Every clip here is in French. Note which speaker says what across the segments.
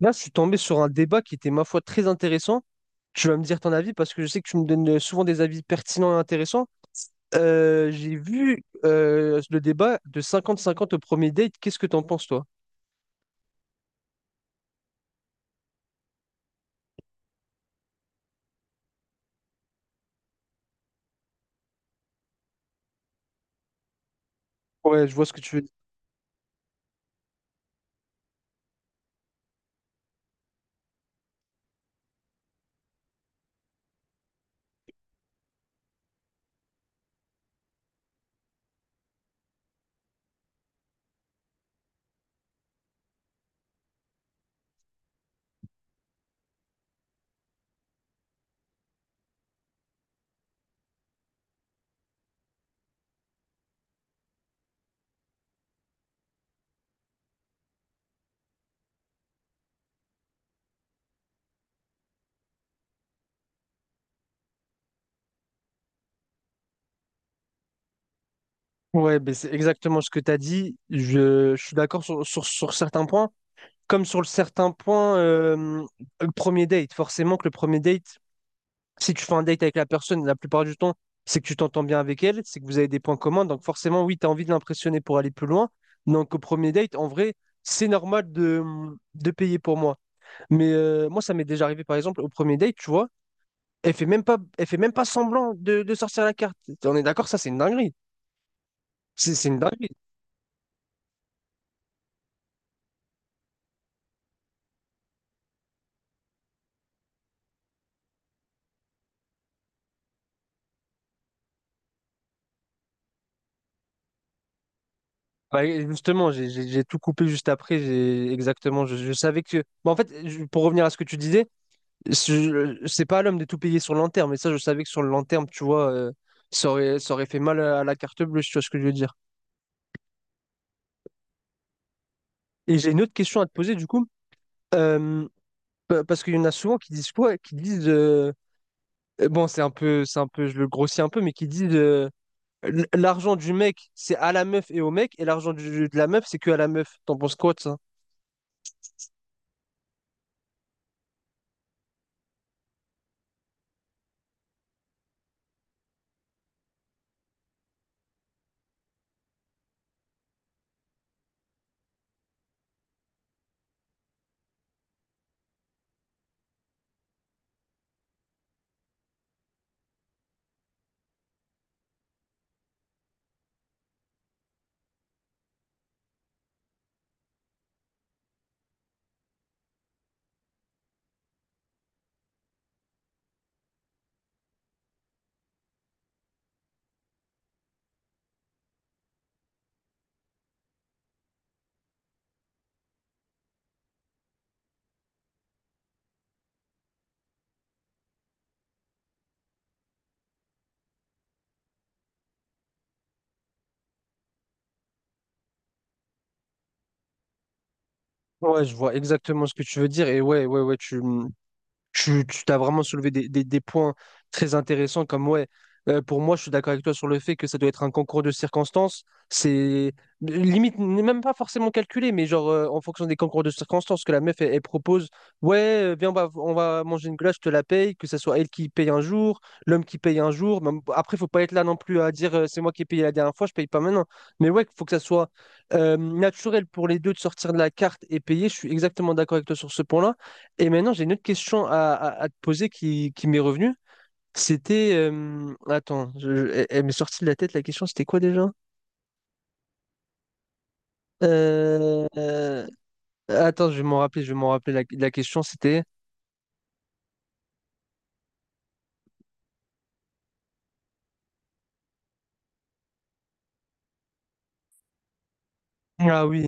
Speaker 1: Là, je suis tombé sur un débat qui était, ma foi, très intéressant. Tu vas me dire ton avis parce que je sais que tu me donnes souvent des avis pertinents et intéressants. J'ai vu le débat de 50-50 au premier date. Qu'est-ce que t'en penses, toi? Ouais, je vois ce que tu veux dire. Ouais, ben c'est exactement ce que tu as dit. Je suis d'accord sur, sur certains points. Comme sur le certain point, le premier date. Forcément que le premier date, si tu fais un date avec la personne, la plupart du temps, c'est que tu t'entends bien avec elle, c'est que vous avez des points communs. Donc forcément, oui, tu as envie de l'impressionner pour aller plus loin. Donc au premier date, en vrai, c'est normal de payer pour moi. Mais moi, ça m'est déjà arrivé, par exemple, au premier date, tu vois, elle fait même pas, elle fait même pas semblant de sortir la carte. On est d'accord, ça, c'est une dinguerie. C'est une dinguerie. Bah, et justement, j'ai tout coupé juste après. Exactement, je savais que... Bah, en fait, pour revenir à ce que tu disais, C'est pas à l'homme de tout payer sur le long terme, mais ça, je savais que sur le long terme, tu vois, ça aurait fait mal à la carte bleue, si tu vois ce que je veux dire. Et j'ai une autre question à te poser, du coup, euh, parce qu'il y en a souvent qui disent quoi? Qui disent, bon, c'est un peu, je le grossis un peu, mais qui disent, l'argent du mec, c'est à la meuf et au mec, et l'argent de la meuf, c'est que à la meuf. T'en penses quoi de ça? Ouais, je vois exactement ce que tu veux dire, et Tu t'as vraiment soulevé des, des points très intéressants comme ouais. Pour moi, je suis d'accord avec toi sur le fait que ça doit être un concours de circonstances. C'est limite, n'est même pas forcément calculé, mais genre en fonction des concours de circonstances que la meuf elle, elle propose, ouais, viens, on va manger une glace, je te la paye, que ce soit elle qui paye un jour, l'homme qui paye un jour. Après, faut pas être là non plus à dire c'est moi qui ai payé la dernière fois, je paye pas maintenant. Mais ouais, faut que ça soit naturel pour les deux de sortir de la carte et payer. Je suis exactement d'accord avec toi sur ce point-là. Et maintenant, j'ai une autre question à te poser qui m'est revenue. C'était. Attends, elle, elle m'est sortie de la tête la question, c'était quoi déjà? Euh, euh, attends, je vais m'en rappeler. La question, c'était. Ah oui.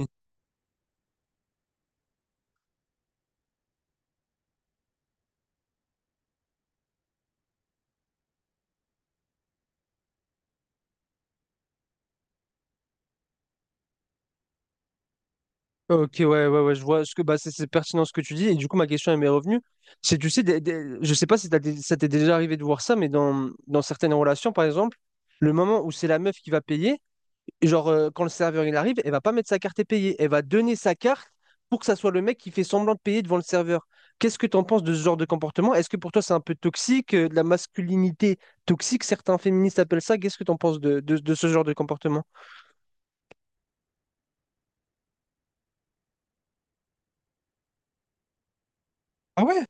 Speaker 1: Ok, ouais, je vois ce que bah, c'est pertinent ce que tu dis. Et du coup, ma question elle m'est revenue. C'est, tu sais, je sais pas si ça t'est déjà arrivé de voir ça, mais dans certaines relations, par exemple, le moment où c'est la meuf qui va payer, genre quand le serveur il arrive, elle va pas mettre sa carte et payer. Elle va donner sa carte pour que ça soit le mec qui fait semblant de payer devant le serveur. Qu'est-ce que t'en penses de ce genre de comportement? Est-ce que pour toi c'est un peu toxique, de la masculinité toxique, certains féministes appellent ça. Qu'est-ce que t'en penses de ce genre de comportement? Ah ouais?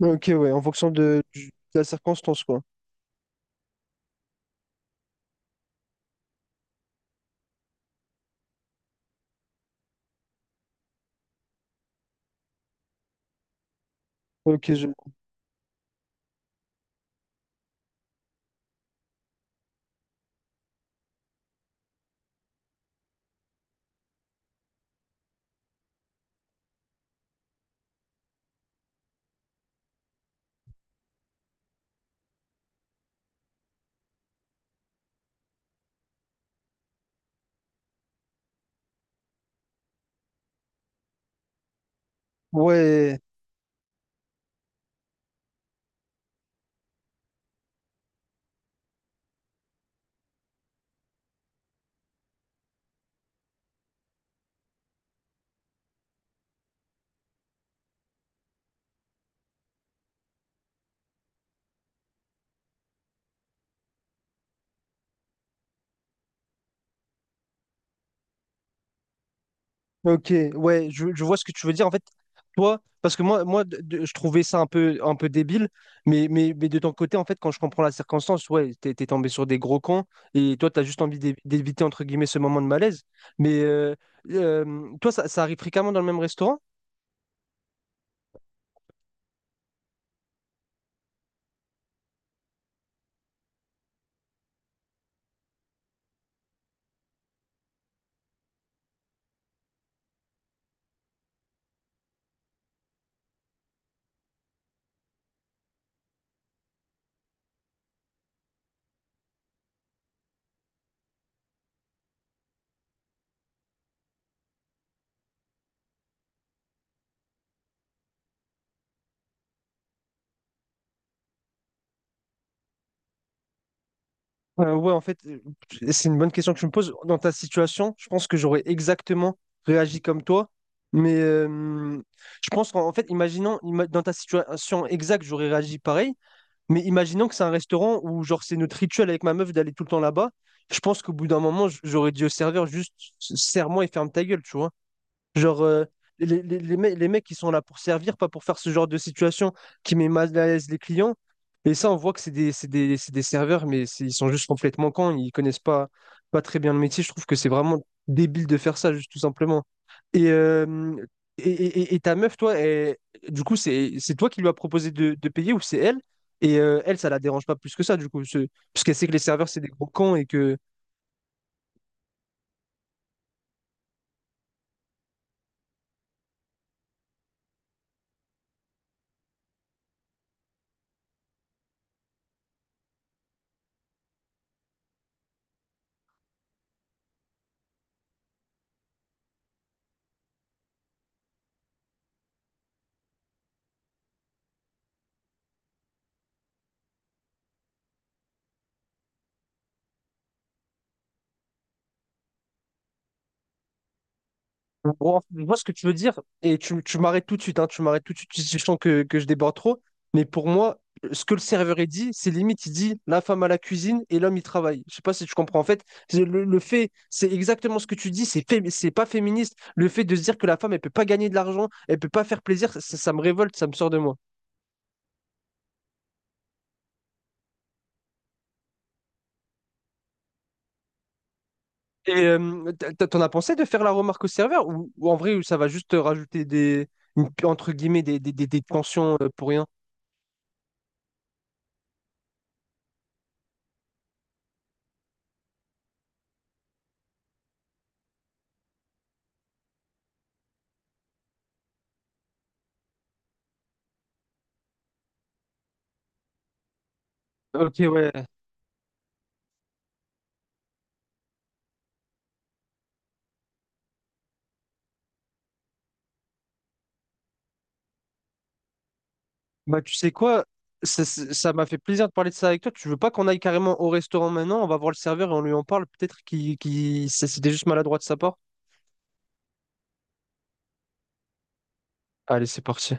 Speaker 1: Ok, ouais, en fonction de la circonstance, quoi. Ok, je... ouais, ok, ouais, je vois ce que tu veux dire. En fait, toi, parce que je trouvais ça un peu débile, mais de ton côté, en fait, quand je comprends la circonstance, ouais, t'es tombé sur des gros cons, et toi, t'as juste envie d'éviter, entre guillemets, ce moment de malaise. Mais toi, ça arrive fréquemment dans le même restaurant? Ouais, en fait, c'est une bonne question que je me pose. Dans ta situation, je pense que j'aurais exactement réagi comme toi. Mais je pense qu'en en fait, dans ta situation exacte, j'aurais réagi pareil. Mais imaginons que c'est un restaurant où, genre, c'est notre rituel avec ma meuf d'aller tout le temps là-bas. Je pense qu'au bout d'un moment, j'aurais dit au serveur, juste, serre-moi et ferme ta gueule, tu vois. Genre, les mecs, ils sont là pour servir, pas pour faire ce genre de situation qui met mal à l'aise les clients. Et ça, on voit que c'est des, c'est des serveurs, mais ils sont juste complètement cons, ils connaissent pas, pas très bien le métier. Je trouve que c'est vraiment débile de faire ça, juste tout simplement. Et, et ta meuf, toi, du coup, c'est toi qui lui as proposé de payer ou c'est elle? Et elle, ça la dérange pas plus que ça, du coup. Parce qu'elle sait que les serveurs, c'est des gros cons et que. Bon, je vois ce que tu veux dire, et tu m'arrêtes tout de suite, hein, tu m'arrêtes tout de suite si tu sens que je déborde trop. Mais pour moi, ce que le serveur il dit, c'est limite, il dit la femme à la cuisine et l'homme il travaille. Je sais pas si tu comprends. En fait, c'est le fait, c'est exactement ce que tu dis, c'est pas féministe. Le fait de se dire que la femme, elle peut pas gagner de l'argent, elle peut pas faire plaisir, ça me révolte, ça me sort de moi. Et t'en as pensé de faire la remarque au serveur ou en vrai, ça va juste te rajouter des, entre guillemets, des tensions pour rien? Ok, ouais. Bah, tu sais quoi? Ça m'a fait plaisir de parler de ça avec toi. Tu veux pas qu'on aille carrément au restaurant maintenant? On va voir le serveur et on lui en parle. Peut-être qu'il... C'était juste maladroit de sa part. Allez, c'est parti.